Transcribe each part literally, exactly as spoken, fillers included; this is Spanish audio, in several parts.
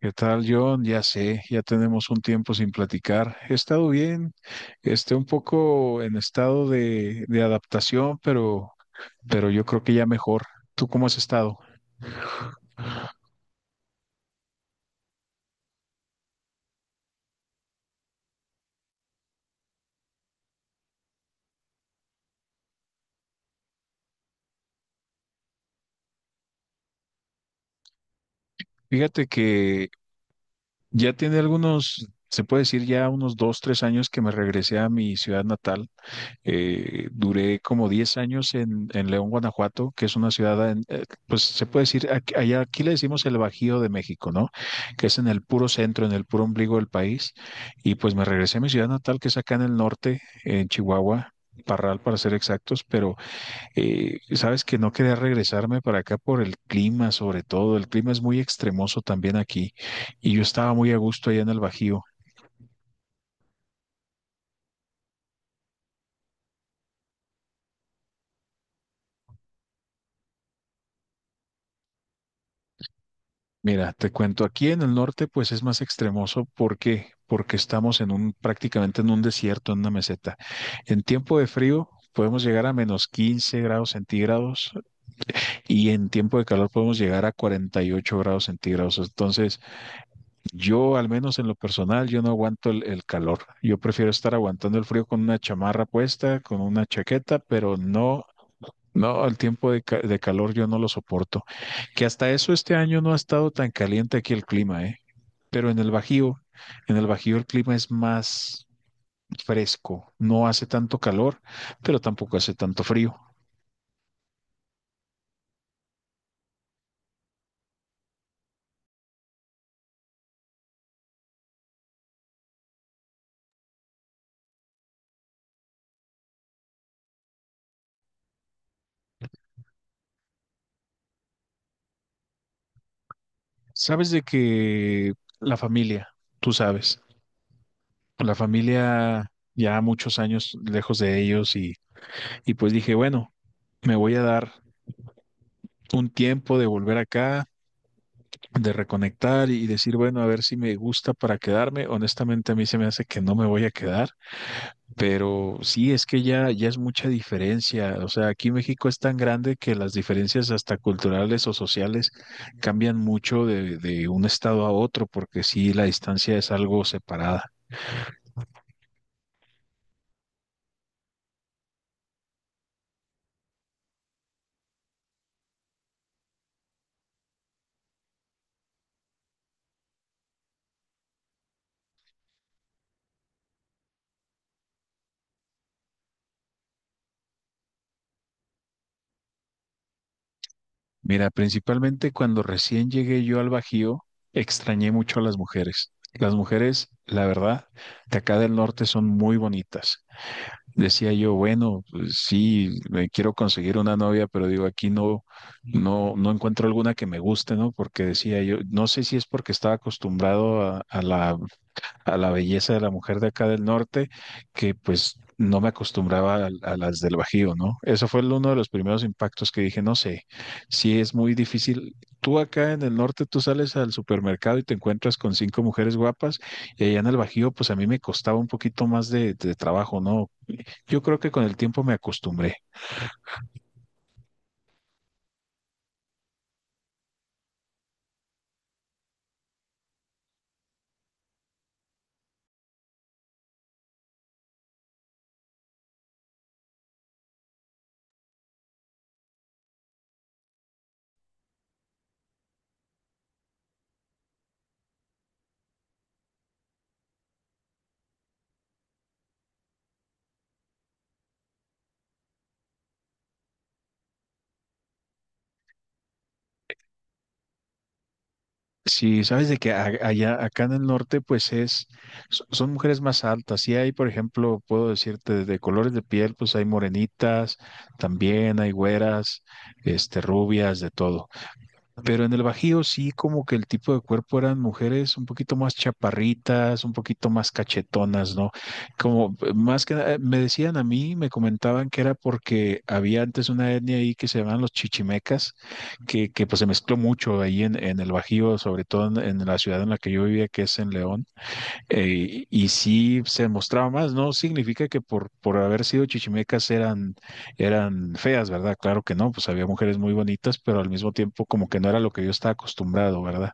¿Qué tal, John? Ya sé, ya tenemos un tiempo sin platicar. He estado bien, este, un poco en estado de, de adaptación, pero, pero yo creo que ya mejor. ¿Tú cómo has estado? Fíjate que ya tiene algunos, se puede decir ya unos dos, tres años que me regresé a mi ciudad natal. Eh, duré como diez años en, en León, Guanajuato, que es una ciudad, en, eh, pues se puede decir, aquí, allá, aquí le decimos el Bajío de México, ¿no? Que es en el puro centro, en el puro ombligo del país. Y pues me regresé a mi ciudad natal, que es acá en el norte, en Chihuahua. Parral para ser exactos, pero eh, sabes que no quería regresarme para acá por el clima, sobre todo. El clima es muy extremoso también aquí y yo estaba muy a gusto allá en el Bajío. Mira, te cuento, aquí en el norte pues es más extremoso. ¿Por qué? Porque estamos en un, prácticamente en un desierto, en una meseta. En tiempo de frío podemos llegar a menos quince grados centígrados y en tiempo de calor podemos llegar a cuarenta y ocho grados centígrados. Entonces, yo al menos en lo personal, yo no aguanto el, el calor. Yo prefiero estar aguantando el frío con una chamarra puesta, con una chaqueta, pero no... No, el tiempo de, ca- de calor yo no lo soporto. Que hasta eso este año no ha estado tan caliente aquí el clima, ¿eh? Pero en el Bajío, en el Bajío el clima es más fresco, no hace tanto calor, pero tampoco hace tanto frío. Sabes de que la familia, tú sabes, la familia ya muchos años lejos de ellos y, y pues dije, bueno, me voy a dar un tiempo de volver acá, de reconectar y decir, bueno, a ver si me gusta para quedarme. Honestamente, a mí se me hace que no me voy a quedar. Pero sí, es que ya, ya es mucha diferencia. O sea, aquí México es tan grande que las diferencias hasta culturales o sociales cambian mucho de, de un estado a otro, porque sí, la distancia es algo separada. Mira, principalmente cuando recién llegué yo al Bajío, extrañé mucho a las mujeres. Las mujeres, la verdad, de acá del norte son muy bonitas. Decía yo, bueno, pues sí, me quiero conseguir una novia, pero digo, aquí no, no, no encuentro alguna que me guste, ¿no? Porque decía yo, no sé si es porque estaba acostumbrado a, a la, a la belleza de la mujer de acá del norte, que pues no me acostumbraba a, a las del Bajío, ¿no? Eso fue el- uno de los primeros impactos que dije, no sé, si es muy difícil. Tú acá en el norte, tú sales al supermercado y te encuentras con cinco mujeres guapas, y allá en el Bajío, pues a mí me costaba un poquito más de, de trabajo, ¿no? Yo creo que con el tiempo me acostumbré. Sí, sabes de que a- allá, acá en el norte, pues es, so- son mujeres más altas. Sí hay, por ejemplo, puedo decirte de colores de piel, pues hay morenitas, también hay güeras, este, rubias, de todo. Pero en el Bajío sí, como que el tipo de cuerpo eran mujeres un poquito más chaparritas, un poquito más cachetonas, ¿no? Como eh, más que nada, eh, me decían a mí, me comentaban que era porque había antes una etnia ahí que se llamaban los chichimecas, que, que pues se mezcló mucho ahí en, en el Bajío, sobre todo en, en la ciudad en la que yo vivía, que es en León eh, y sí se demostraba más, no significa que por, por haber sido chichimecas eran, eran feas, ¿verdad? Claro que no, pues había mujeres muy bonitas, pero al mismo tiempo como que no era lo que yo estaba acostumbrado, ¿verdad?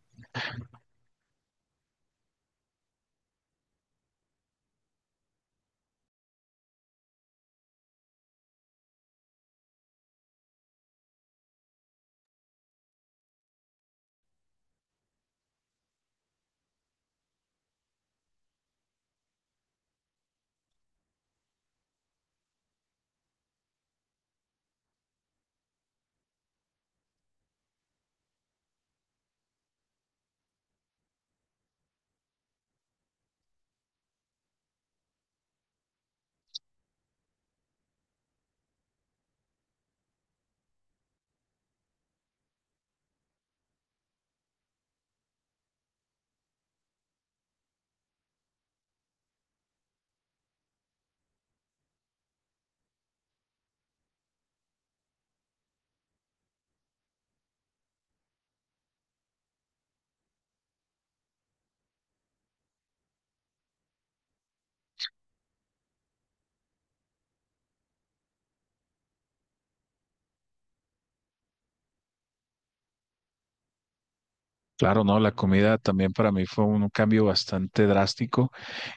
Claro, no, la comida también para mí fue un cambio bastante drástico.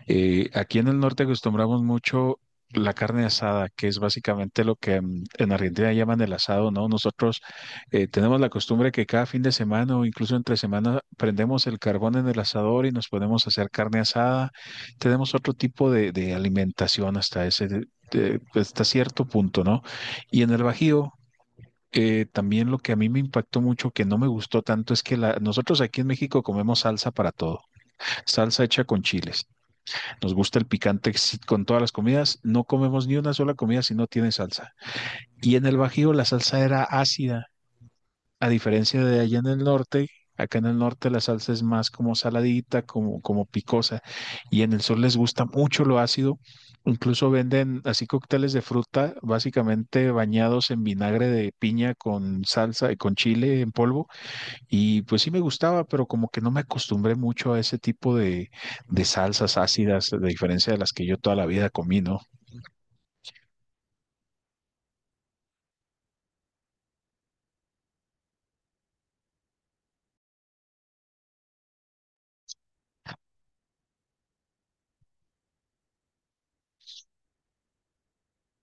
Eh, aquí en el norte acostumbramos mucho la carne asada, que es básicamente lo que mm, en Argentina llaman el asado, ¿no? Nosotros eh, tenemos la costumbre que cada fin de semana o incluso entre semana prendemos el carbón en el asador y nos podemos hacer carne asada. Tenemos otro tipo de, de alimentación hasta ese, de- de- hasta cierto punto, ¿no? Y en el Bajío. eh, también lo que a mí me impactó mucho, que no me gustó tanto, es que la, nosotros aquí en México comemos salsa para todo, salsa hecha con chiles. Nos gusta el picante sí, con todas las comidas. No comemos ni una sola comida si no tiene salsa. Y en el Bajío la salsa era ácida, a diferencia de allá en el norte. Acá en el norte la salsa es más como saladita, como, como picosa. Y en el sur les gusta mucho lo ácido. Incluso venden así cócteles de fruta, básicamente bañados en vinagre de piña con salsa y con chile en polvo y pues sí me gustaba, pero como que no me acostumbré mucho a ese tipo de, de salsas ácidas, de diferencia de las que yo toda la vida comí, ¿no?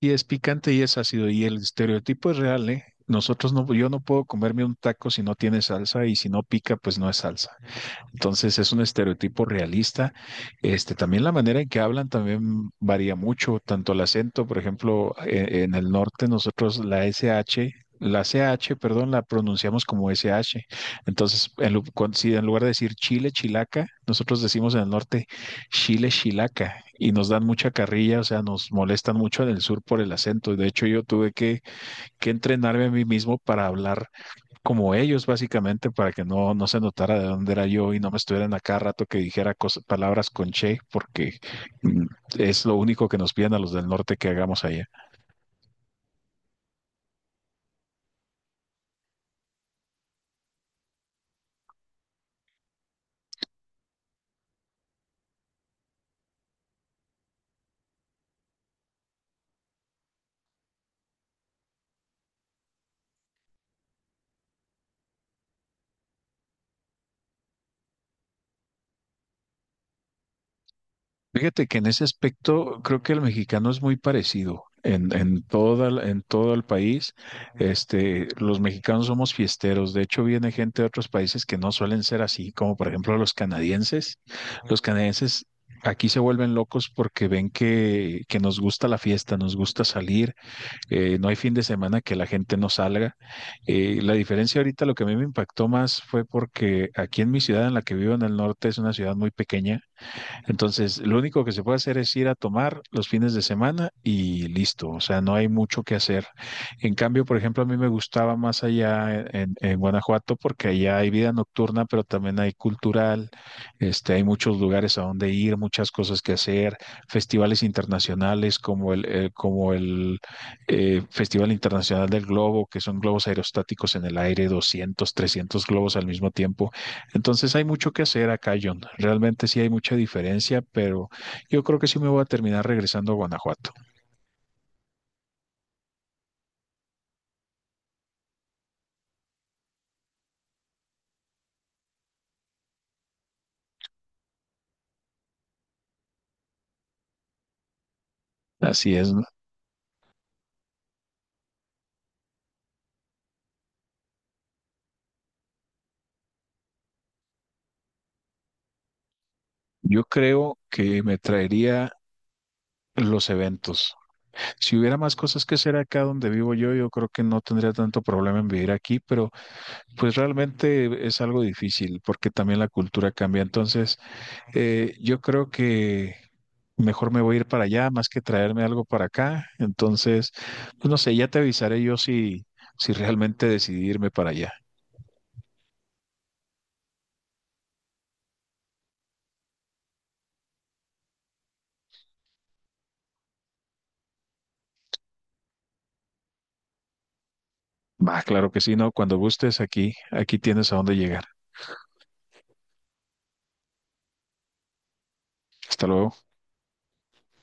Y es picante y es ácido, y el estereotipo es real, ¿eh? Nosotros no, yo no puedo comerme un taco si no tiene salsa, y si no pica, pues no es salsa. Entonces es un estereotipo realista. Este, también la manera en que hablan también varía mucho, tanto el acento, por ejemplo, e- en el norte nosotros la S H, la C H, perdón, la pronunciamos como S H. Entonces, en, lu- cuan- si en lugar de decir Chile, Chilaca, nosotros decimos en el norte Chile, Chilaca y nos dan mucha carrilla, o sea, nos molestan mucho en el sur por el acento. De hecho, yo tuve que, que entrenarme a mí mismo para hablar como ellos, básicamente, para que no, no, se notara de dónde era yo y no me estuvieran a cada rato que dijera cos- palabras con che, porque mm, es lo único que nos piden a los del norte que hagamos allá. Fíjate que en ese aspecto creo que el mexicano es muy parecido. En, en, toda, la- en todo el país, este, los mexicanos somos fiesteros. De hecho, viene gente de otros países que no suelen ser así, como por ejemplo los canadienses. Los canadienses aquí se vuelven locos porque ven que, que nos gusta la fiesta, nos gusta salir, eh, no hay fin de semana que la gente no salga. Eh, la diferencia ahorita, lo que a mí me impactó más fue porque aquí en mi ciudad, en la que vivo en el norte, es una ciudad muy pequeña entonces, lo único que se puede hacer es ir a tomar los fines de semana y listo, o sea, no hay mucho que hacer. En cambio, por ejemplo, a mí me gustaba más allá e-, en, en Guanajuato porque allá hay vida nocturna, pero también hay cultural, este, hay muchos lugares a donde ir, muchas cosas que hacer, festivales internacionales como el, el- como el eh, Festival Internacional del Globo, que son globos aerostáticos en el aire, doscientos, trescientos globos al mismo tiempo. Entonces hay mucho que hacer acá, John. Realmente sí hay mucha diferencia, pero yo creo que sí me voy a terminar regresando a Guanajuato. Así es, ¿no? Yo creo que me traería los eventos. Si hubiera más cosas que hacer acá donde vivo yo, yo creo que no tendría tanto problema en vivir aquí, pero pues realmente es algo difícil porque también la cultura cambia. Entonces, Eh, yo creo que mejor me voy a ir para allá más que traerme algo para acá. Entonces, pues no sé, ya te avisaré yo si, si realmente decidí irme para allá. Va, claro que sí, ¿no? Cuando gustes, aquí, aquí tienes a dónde llegar. Hasta luego.